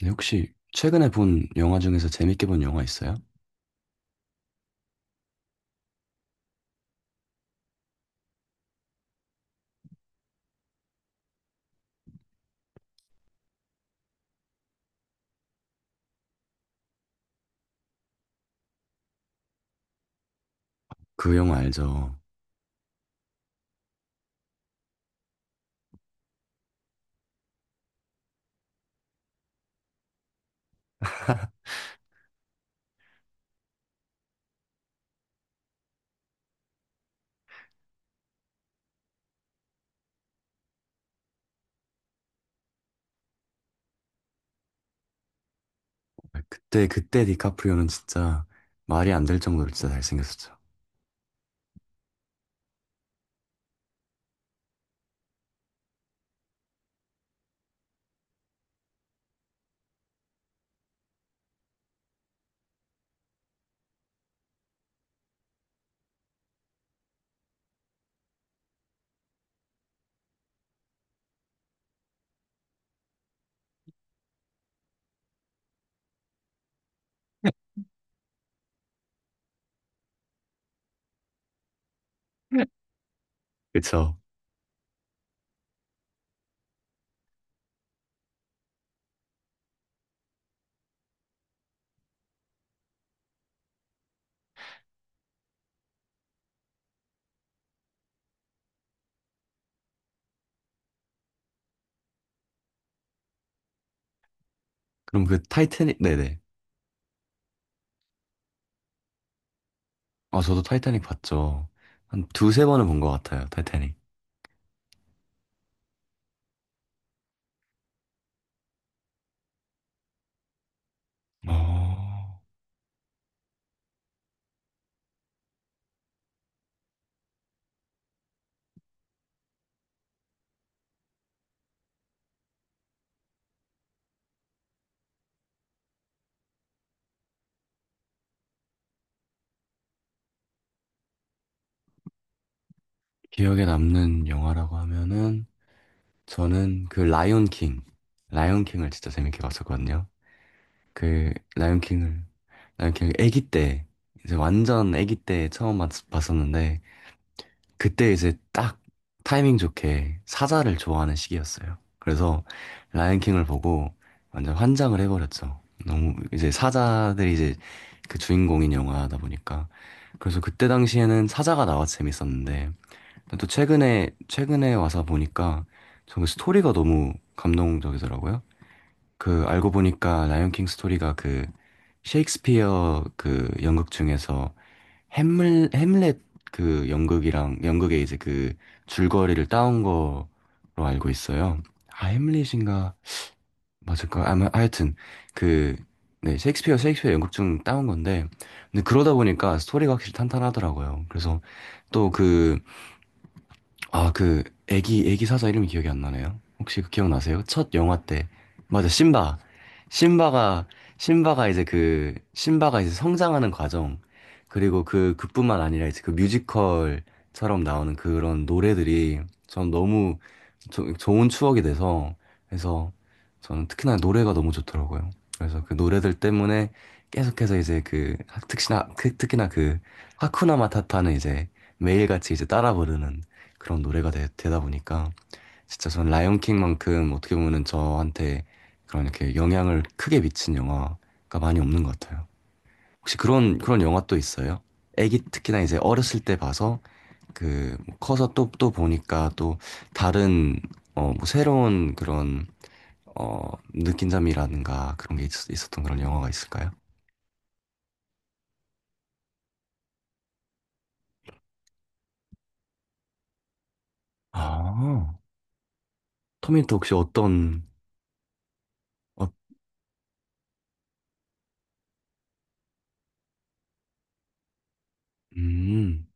네, 혹시 최근에 본 영화 중에서 재밌게 본 영화 있어요? 그 영화 알죠? 그때 디카프리오는 진짜 말이 안 될 정도로 진짜 잘생겼었죠. 그쵸? 그럼 그 타이타닉 네네. 아 저도 타이타닉 봤죠. 한 두세 번은 본 것 같아요. 타이타닉. 어, 기억에 남는 영화라고 하면은 저는 그 라이온 킹, 라이온 킹을 진짜 재밌게 봤었거든요. 그 라이온 킹을 라이온 킹을 아기 때 이제 완전 아기 때 봤었는데 그때 이제 딱 타이밍 좋게 사자를 좋아하는 시기였어요. 그래서 라이언킹을 보고 완전 환장을 해버렸죠. 너무 이제 사자들이 이제 그 주인공인 영화다 보니까. 그래서 그때 당시에는 사자가 나와 서 재밌었는데 또 최근에 와서 보니까 정말 스토리가 너무 감동적이더라고요. 그 알고 보니까 라이언킹 스토리가 그 셰익스피어 그 연극 중에서 햄을 햄릿 그 연극이랑 연극에 이제 그 줄거리를 따온 거로 알고 있어요. 아 햄릿인가 맞을까? 아마 하여튼 그 네, 셰익스피어 연극 중 따온 건데 근데 그러다 보니까 스토리가 확실히 탄탄하더라고요. 그래서 또그 아, 그 애기 사자 이름이 기억이 안 나네요. 혹시 그 기억나세요? 첫 영화 때. 맞아, 심바. 심바가 심바가 이제 성장하는 과정 그리고 그 그뿐만 아니라 이제 그 뮤지컬처럼 나오는 그런 노래들이 전 너무 좋은 추억이 돼서 그래서 저는 특히나 노래가 너무 좋더라고요. 그래서 그 노래들 때문에 계속해서 이제 그 특히나 특히나 그 하쿠나 마타타는 이제 매일같이 이제 따라 부르는 그런 노래가 되, 다 보니까 진짜 전 라이온킹만큼 어떻게 보면은 저한테 그런 이렇게 영향을 크게 미친 영화가 많이 없는 것 같아요. 혹시 그런 영화 또 있어요? 애기 특히나 이제 어렸을 때 봐서 그뭐 커서 또 보니까 또 다른 어뭐 새로운 그런 어 느낀점이라든가 그런 게 있었던 그런 영화가 있을까요? 아, 터미네이터 혹시 어떤 어, 음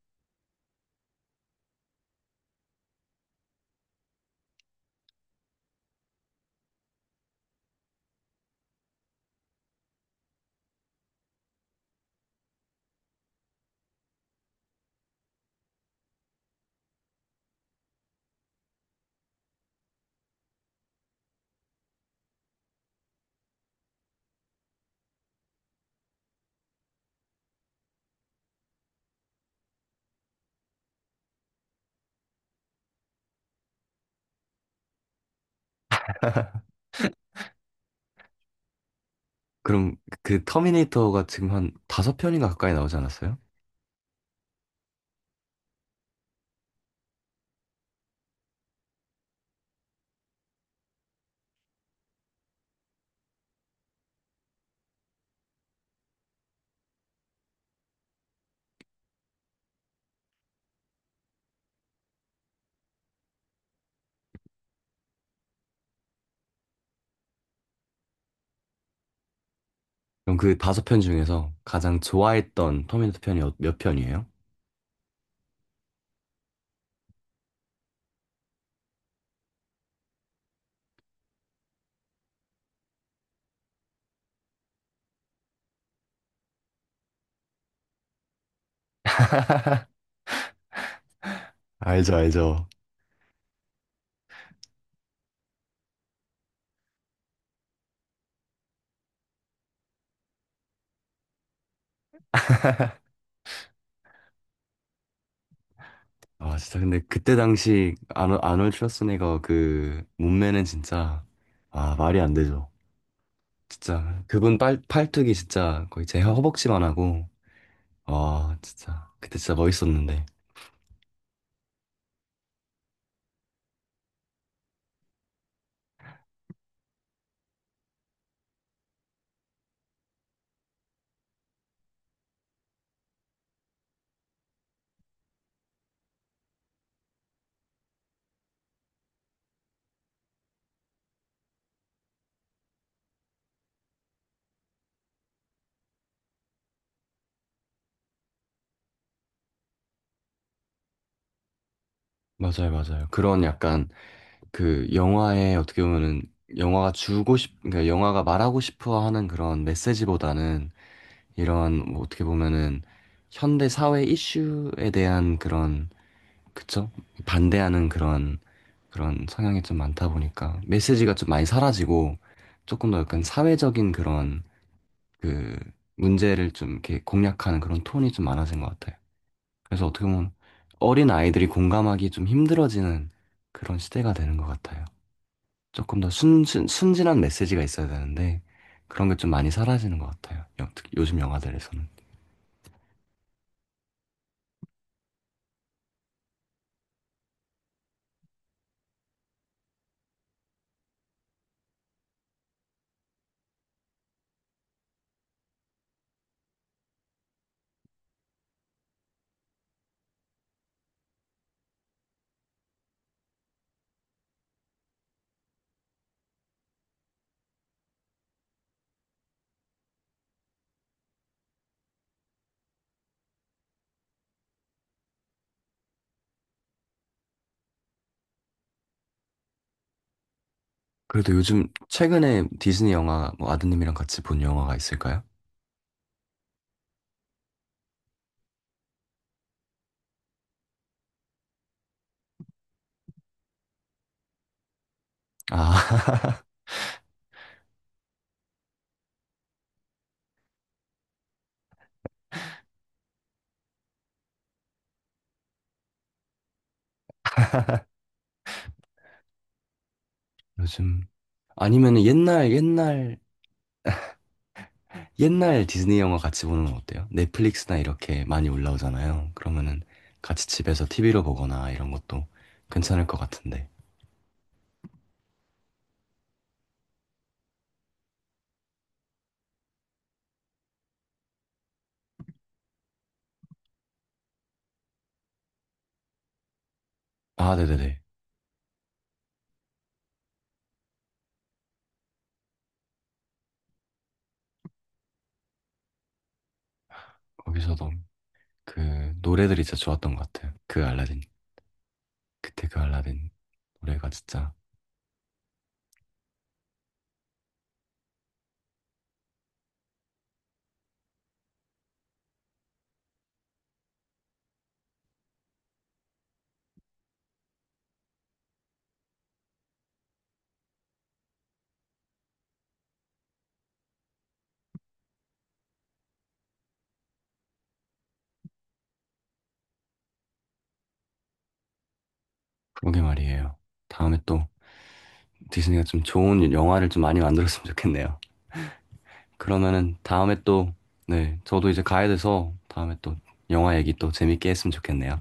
그럼 그 터미네이터가 지금 한 다섯 편인가 가까이 나오지 않았어요? 그럼 그 다섯 편 중에서 가장 좋아했던 터미네이터 편이 몇 편이에요? 알죠, 알죠. 아, 진짜 근데 그때 당시 아놀드 슈와스네거 그 몸매는 진짜 아, 말이 안 되죠. 진짜 그분 팔뚝이 진짜 거의 제 허벅지만 하고 아, 진짜 그때 진짜 멋있었는데. 맞아요, 맞아요. 그런 약간 그 영화에 어떻게 보면은 영화가 그러니까 영화가 말하고 싶어 하는 그런 메시지보다는 이런 뭐 어떻게 보면은 현대 사회 이슈에 대한 그런 그쵸? 반대하는 그런 그런 성향이 좀 많다 보니까 메시지가 좀 많이 사라지고 조금 더 약간 사회적인 그런 그 문제를 좀 이렇게 공략하는 그런 톤이 좀 많아진 것 같아요. 그래서 어떻게 보면 어린 아이들이 공감하기 좀 힘들어지는 그런 시대가 되는 것 같아요. 조금 더 순진한 메시지가 있어야 되는데 그런 게 좀 많이 사라지는 것 같아요. 특히 요즘 영화들에서는. 그래도 요즘 최근에 디즈니 영화 뭐 아드님이랑 같이 본 영화가 있을까요? 아, 요즘 아니면 옛날 옛날 디즈니 영화 같이 보는 건 어때요? 넷플릭스나 이렇게 많이 올라오잖아요. 그러면은 같이 집에서 TV로 보거나 이런 것도 괜찮을 것 같은데. 아, 네네네. 거기서도 그 노래들이 진짜 좋았던 것 같아요. 그 알라딘. 그때 그 알라딘 노래가 진짜 그러게 말이에요. 다음에 또 디즈니가 좀 좋은 영화를 좀 많이 만들었으면 좋겠네요. 그러면은 다음에 또, 네, 저도 이제 가야 돼서 다음에 또 영화 얘기 또 재밌게 했으면 좋겠네요.